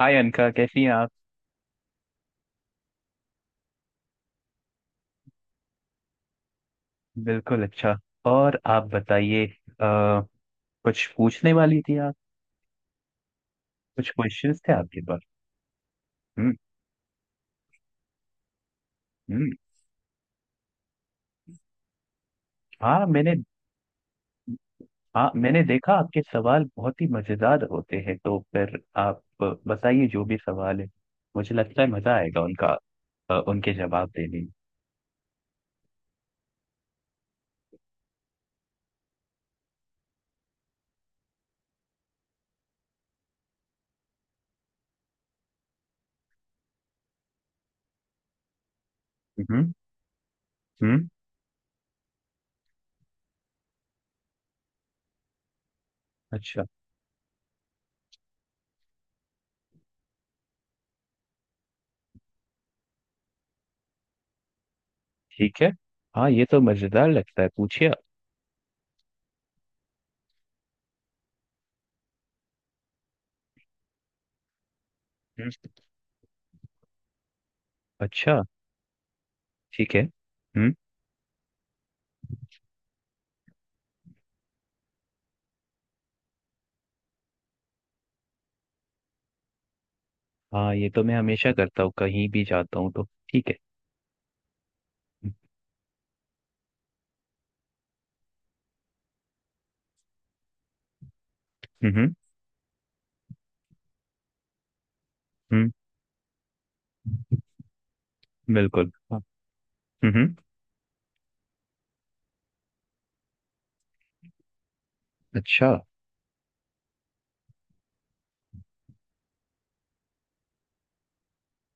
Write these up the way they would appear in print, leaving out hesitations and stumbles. हाय अनका, कैसी हैं आप। बिल्कुल अच्छा। और आप बताइए। अ, कुछ पूछने वाली थी आप। कुछ क्वेश्चंस थे आपके पास। हम्म। हम्म। हाँ मैंने हाँ, मैंने देखा आपके सवाल बहुत ही मजेदार होते हैं, तो फिर आप बताइए जो भी सवाल है। मुझे लगता है मजा आएगा उनका उनके जवाब देने में। हम्म। हम्म। अच्छा। ठीक है। हाँ, ये तो मजेदार लगता है, पूछिए आप। हम्म। अच्छा। ठीक है। हम्म। हाँ, ये तो मैं हमेशा करता हूँ कहीं भी जाता हूँ तो। ठीक है। हम्म। हम्म। बिल्कुल हाँ। हम्म। अच्छा।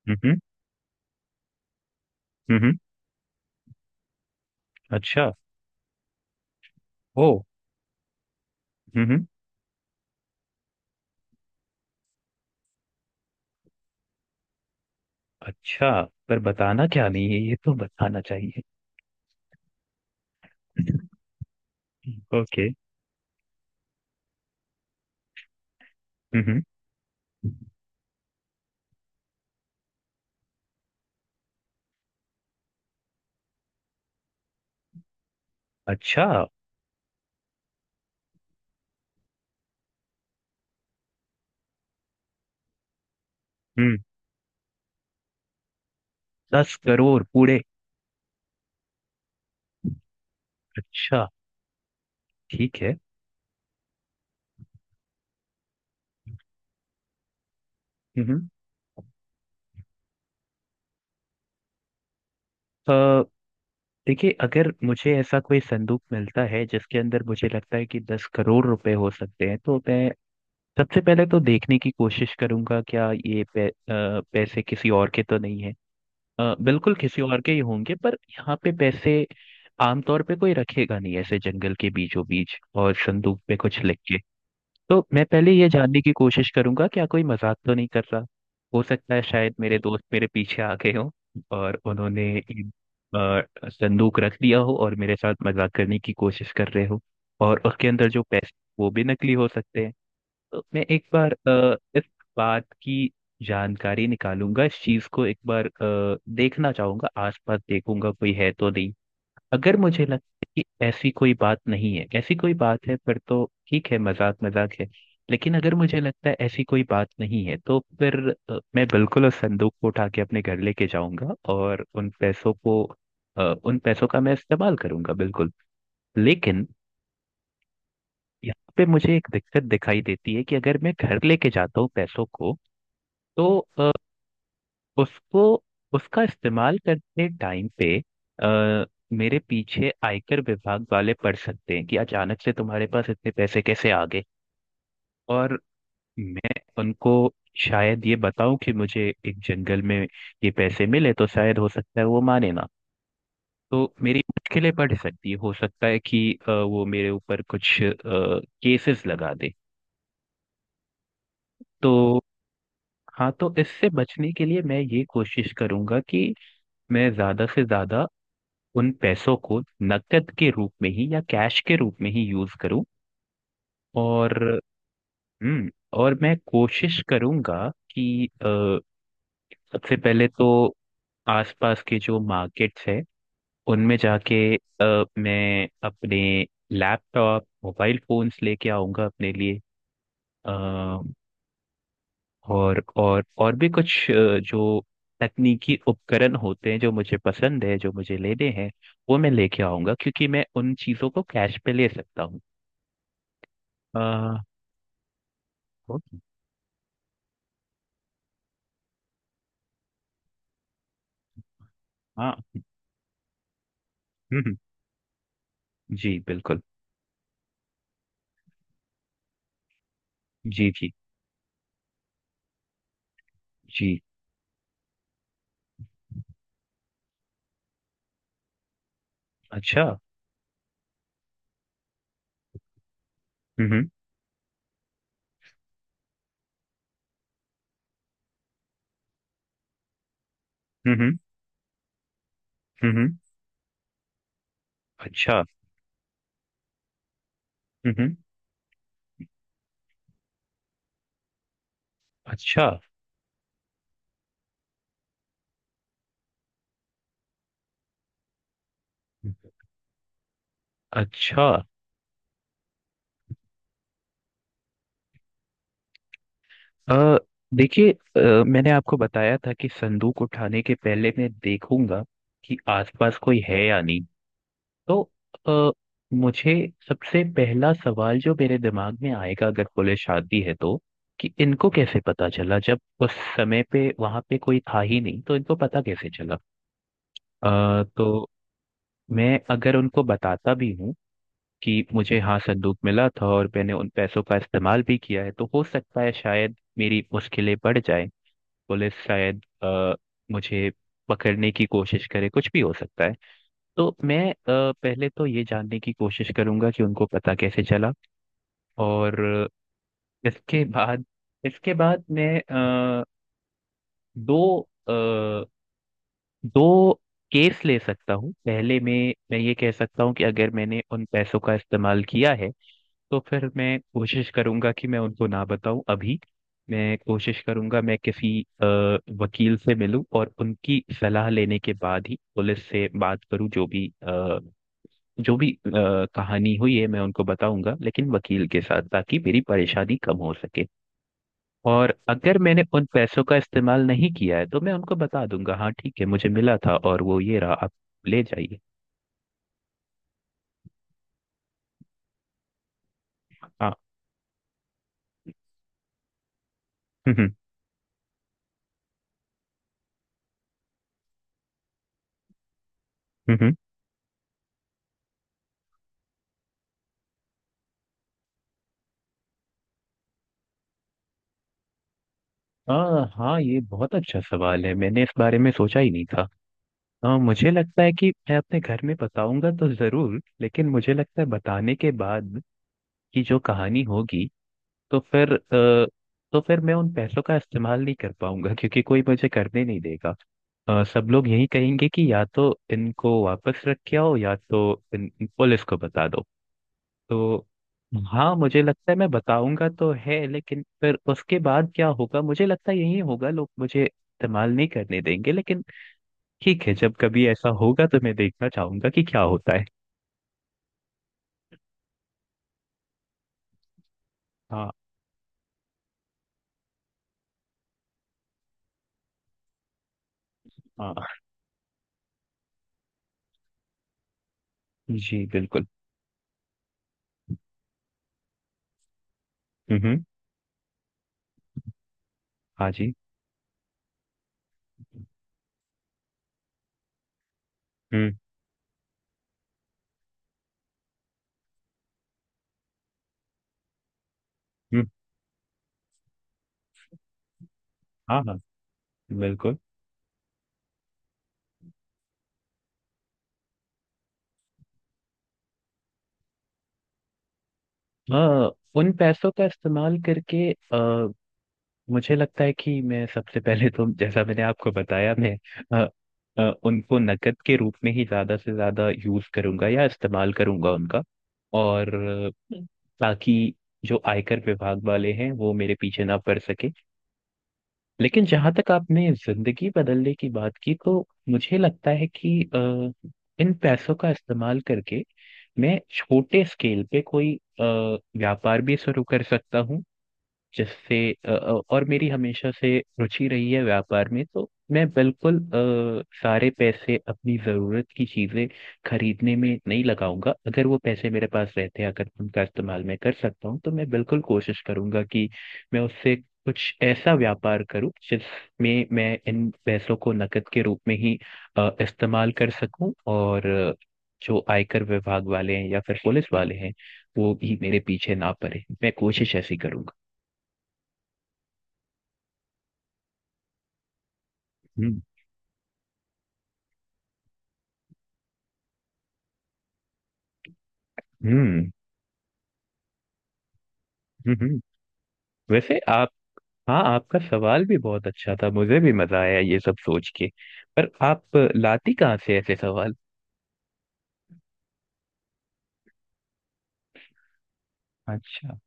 हम्म। हम्म। अच्छा। ओ। हम्म। अच्छा। पर बताना क्या नहीं है, ये तो बताना चाहिए। ओके। हम्म। अच्छा। हम्म। 10 करोड़ पूरे? अच्छा। ठीक है। हम्म। अ, देखिए, अगर मुझे ऐसा कोई संदूक मिलता है जिसके अंदर मुझे लगता है कि 10 करोड़ रुपए हो सकते हैं, तो मैं सबसे पहले तो देखने की कोशिश करूंगा क्या ये पैसे किसी और के तो नहीं है। बिल्कुल किसी और के ही होंगे, पर यहाँ पे पैसे आमतौर पे कोई रखेगा नहीं ऐसे जंगल के बीचों बीच और संदूक पे कुछ लिख के। तो मैं पहले ये जानने की कोशिश करूंगा क्या कोई मजाक तो नहीं कर रहा। हो सकता है शायद मेरे दोस्त मेरे पीछे आ गए हों और उन्होंने संदूक रख दिया हो और मेरे साथ मजाक करने की कोशिश कर रहे हो, और उसके अंदर जो पैसे वो भी नकली हो सकते हैं। तो मैं एक बार इस बात की जानकारी निकालूंगा, इस चीज को एक बार देखना चाहूंगा, आसपास देखूंगा कोई है तो नहीं। अगर मुझे लगता है कि ऐसी कोई बात नहीं है, ऐसी कोई बात है फिर तो ठीक है, मजाक मजाक है। लेकिन अगर मुझे लगता है ऐसी कोई बात नहीं है तो फिर मैं बिल्कुल उस संदूक को उठा के अपने घर लेके जाऊंगा, और उन पैसों का मैं इस्तेमाल करूंगा बिल्कुल। लेकिन यहाँ पे मुझे एक दिक्कत दिखाई देती है कि अगर मैं घर लेके जाता हूँ पैसों को, तो अ, उसको उसका इस्तेमाल करते टाइम पे अ, मेरे पीछे आयकर विभाग वाले पड़ सकते हैं कि अचानक से तुम्हारे पास इतने पैसे कैसे आ गए। और मैं उनको शायद ये बताऊं कि मुझे एक जंगल में ये पैसे मिले, तो शायद हो सकता है वो माने ना। तो मेरी मुश्किलें बढ़ सकती है, हो सकता है कि वो मेरे ऊपर कुछ केसेस लगा दे। तो हाँ, तो इससे बचने के लिए मैं ये कोशिश करूंगा कि मैं ज्यादा से ज्यादा उन पैसों को नकद के रूप में ही या कैश के रूप में ही यूज करूं। और हम्म। और मैं कोशिश करूंगा कि सबसे पहले तो आसपास के जो मार्केट्स हैं उनमें जाके मैं अपने लैपटॉप, मोबाइल फोन्स लेके आऊंगा अपने लिए। अ, और भी कुछ जो तकनीकी उपकरण होते हैं, जो मुझे पसंद है, जो मुझे लेने हैं, वो मैं लेके आऊंगा क्योंकि मैं उन चीजों को कैश पे ले सकता हूँ। अ, हो- हाँ। हम्म। हम्म। हम्म। जी बिल्कुल। जी। जी। जी। अच्छा। हम्म। हम्म। हम्म। हम्म। हम्म। अच्छा। हम्म। हम्म। अच्छा। अच्छा। अ, देखिए, मैंने आपको बताया था कि संदूक उठाने के पहले मैं देखूंगा कि आसपास कोई है या नहीं। तो अ, मुझे सबसे पहला सवाल जो मेरे दिमाग में आएगा अगर पुलिस आती है तो, कि इनको कैसे पता चला, जब उस समय पे वहां पे कोई था ही नहीं तो इनको पता कैसे चला। तो मैं अगर उनको बताता भी हूँ कि मुझे हाँ संदूक मिला था और मैंने उन पैसों का इस्तेमाल भी किया है, तो हो सकता है शायद मेरी मुश्किलें बढ़ जाएं। पुलिस शायद मुझे पकड़ने की कोशिश करे, कुछ भी हो सकता है। तो मैं पहले तो ये जानने की कोशिश करूंगा कि उनको पता कैसे चला। और इसके बाद इसके बाद मैं दो दो केस ले सकता हूँ। पहले में मैं ये कह सकता हूँ कि अगर मैंने उन पैसों का इस्तेमाल किया है, तो फिर मैं कोशिश करूंगा कि मैं उनको ना बताऊं अभी। मैं कोशिश करूंगा मैं किसी वकील से मिलूं और उनकी सलाह लेने के बाद ही पुलिस से बात करूं। जो भी कहानी हुई है मैं उनको बताऊंगा, लेकिन वकील के साथ, ताकि मेरी परेशानी कम हो सके। और अगर मैंने उन पैसों का इस्तेमाल नहीं किया है तो मैं उनको बता दूंगा, हाँ ठीक है मुझे मिला था और वो ये रहा, आप ले जाइए। हाँ। हम्म। हम्म। हाँ हाँ, ये बहुत अच्छा सवाल है, मैंने इस बारे में सोचा ही नहीं था। हाँ, मुझे लगता है कि मैं अपने घर में बताऊंगा तो जरूर, लेकिन मुझे लगता है बताने के बाद की जो कहानी होगी, तो फिर अ, तो फिर मैं उन पैसों का इस्तेमाल नहीं कर पाऊंगा क्योंकि कोई मुझे करने नहीं देगा। सब लोग यही कहेंगे कि या तो इनको वापस रख के आओ, या तो इन, इन पुलिस को बता दो। तो हाँ, मुझे लगता है मैं बताऊंगा तो है, लेकिन फिर उसके बाद क्या होगा, मुझे लगता है यही होगा, लोग मुझे इस्तेमाल नहीं करने देंगे। लेकिन ठीक है, जब कभी ऐसा होगा तो मैं देखना चाहूंगा कि क्या होता है। हाँ। हाँ। जी बिल्कुल। हम्म। हम्म। हाँ जी। हम्म। हम्म। हाँ। हाँ। बिल्कुल। हाँ, उन पैसों का इस्तेमाल करके मुझे लगता है कि मैं सबसे पहले तो, जैसा मैंने आपको बताया, मैं अ, उनको नकद के रूप में ही ज्यादा से ज्यादा यूज करूंगा या इस्तेमाल करूंगा उनका। और अ, ताकि जो आयकर विभाग वाले हैं वो मेरे पीछे ना पड़ सके। लेकिन जहां तक आपने जिंदगी बदलने की बात की तो मुझे लगता है कि इन पैसों का इस्तेमाल करके मैं छोटे स्केल पे कोई व्यापार भी शुरू कर सकता हूँ, जिससे और मेरी हमेशा से रुचि रही है व्यापार में, तो मैं बिल्कुल सारे पैसे अपनी ज़रूरत की चीज़ें खरीदने में नहीं लगाऊंगा। अगर वो पैसे मेरे पास रहते हैं, अगर उनका इस्तेमाल मैं कर सकता हूँ तो मैं बिल्कुल कोशिश करूंगा कि मैं उससे कुछ ऐसा व्यापार करूं जिसमें मैं इन पैसों को नकद के रूप में ही इस्तेमाल कर सकूं, और जो आयकर विभाग वाले हैं या फिर पुलिस वाले हैं वो भी मेरे पीछे ना पड़े, मैं कोशिश ऐसी करूंगा। हम्म। हम्म। हम्म। वैसे आप हाँ, आपका सवाल भी बहुत अच्छा था, मुझे भी मजा आया ये सब सोच के। पर आप लाती कहाँ से ऐसे सवाल? अच्छा।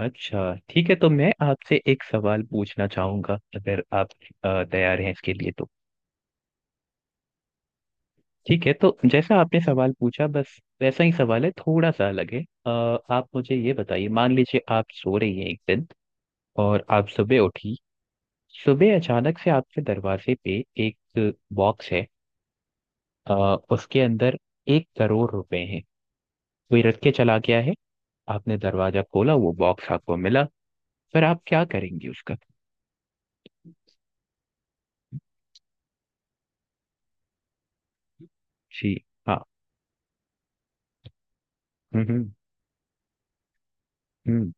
अच्छा। ठीक है, तो मैं आपसे एक सवाल पूछना चाहूंगा, अगर आप तैयार हैं इसके लिए तो। ठीक है, तो जैसा आपने सवाल पूछा बस वैसा ही सवाल है, थोड़ा सा अलग है। आप मुझे ये बताइए, मान लीजिए आप सो रही हैं एक दिन, और आप सुबह उठी। सुबह अचानक से आपके दरवाजे पे एक बॉक्स है, उसके अंदर 1 करोड़ रुपए हैं, कोई रख के चला गया है। आपने दरवाजा खोला, वो बॉक्स आपको मिला, फिर आप क्या करेंगे उसका? जी। हाँ। हम्म। हम्म।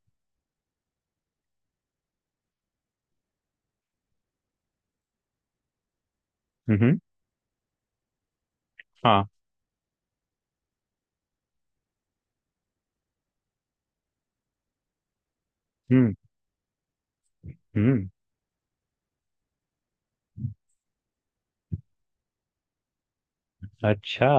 हम्म। हम्म। हम्म। हाँ। हम्म। हम्म। अच्छा।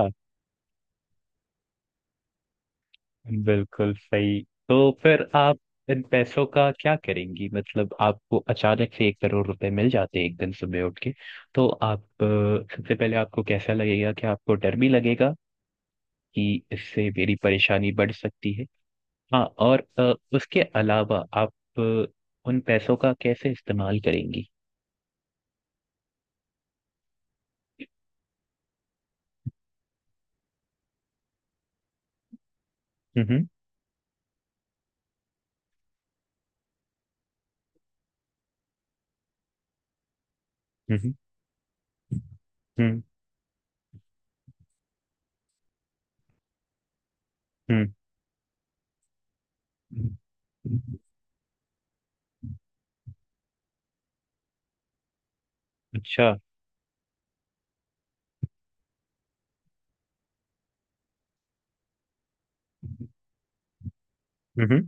बिल्कुल सही। तो फिर आप इन पैसों का क्या करेंगी, मतलब आपको अचानक से 1 करोड़ रुपए मिल जाते हैं एक दिन सुबह उठ के। तो आप सबसे पहले आपको कैसा लगेगा, कि आपको डर भी लगेगा कि इससे मेरी परेशानी बढ़ सकती है? हाँ, और उसके अलावा आप अ, उन पैसों का कैसे इस्तेमाल करेंगी? हम्म। हम्म। हम्म। हम्म। अच्छा। हम्म।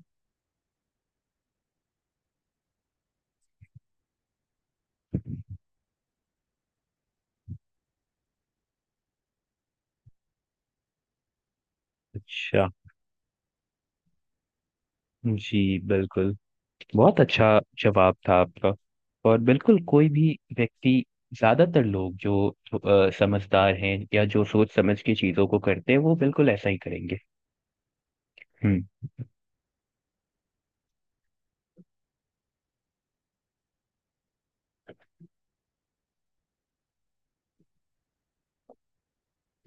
अच्छा। जी बिल्कुल। बहुत अच्छा जवाब था आपका। और बिल्कुल कोई भी व्यक्ति, ज्यादातर लोग जो समझदार हैं या जो सोच समझ के चीजों को करते हैं, वो बिल्कुल ऐसा ही करेंगे। हम्म।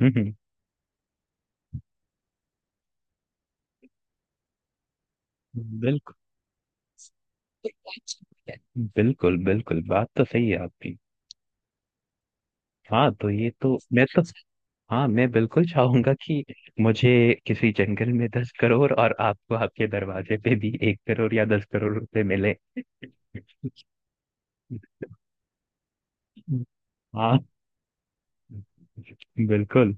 हम्म। हम्म। बिल्कुल। बिल्कुल। बिल्कुल, बात तो सही है आपकी। हाँ तो ये तो मैं तो हाँ, मैं बिल्कुल चाहूंगा कि मुझे किसी जंगल में 10 करोड़ और आपको आपके दरवाजे पे भी 1 करोड़ या 10 करोड़ रुपए मिले। हाँ। बिल्कुल।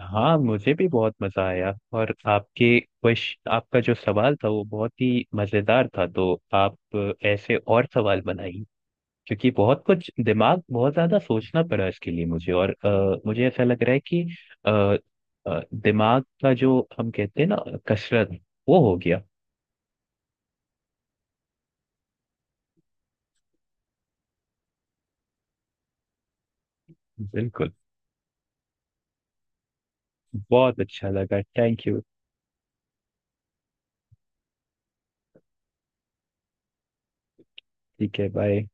हाँ, मुझे भी बहुत मजा आया। और आपके क्वेश्चन, आपका जो सवाल था वो बहुत ही मजेदार था, तो आप ऐसे और सवाल बनाइए, क्योंकि बहुत कुछ दिमाग बहुत ज्यादा सोचना पड़ा इसके लिए मुझे, और मुझे ऐसा लग रहा है कि अ, दिमाग का जो हम कहते हैं ना, कसरत, वो हो गया। बिल्कुल। बहुत अच्छा लगा, थैंक यू। ठीक है, बाय।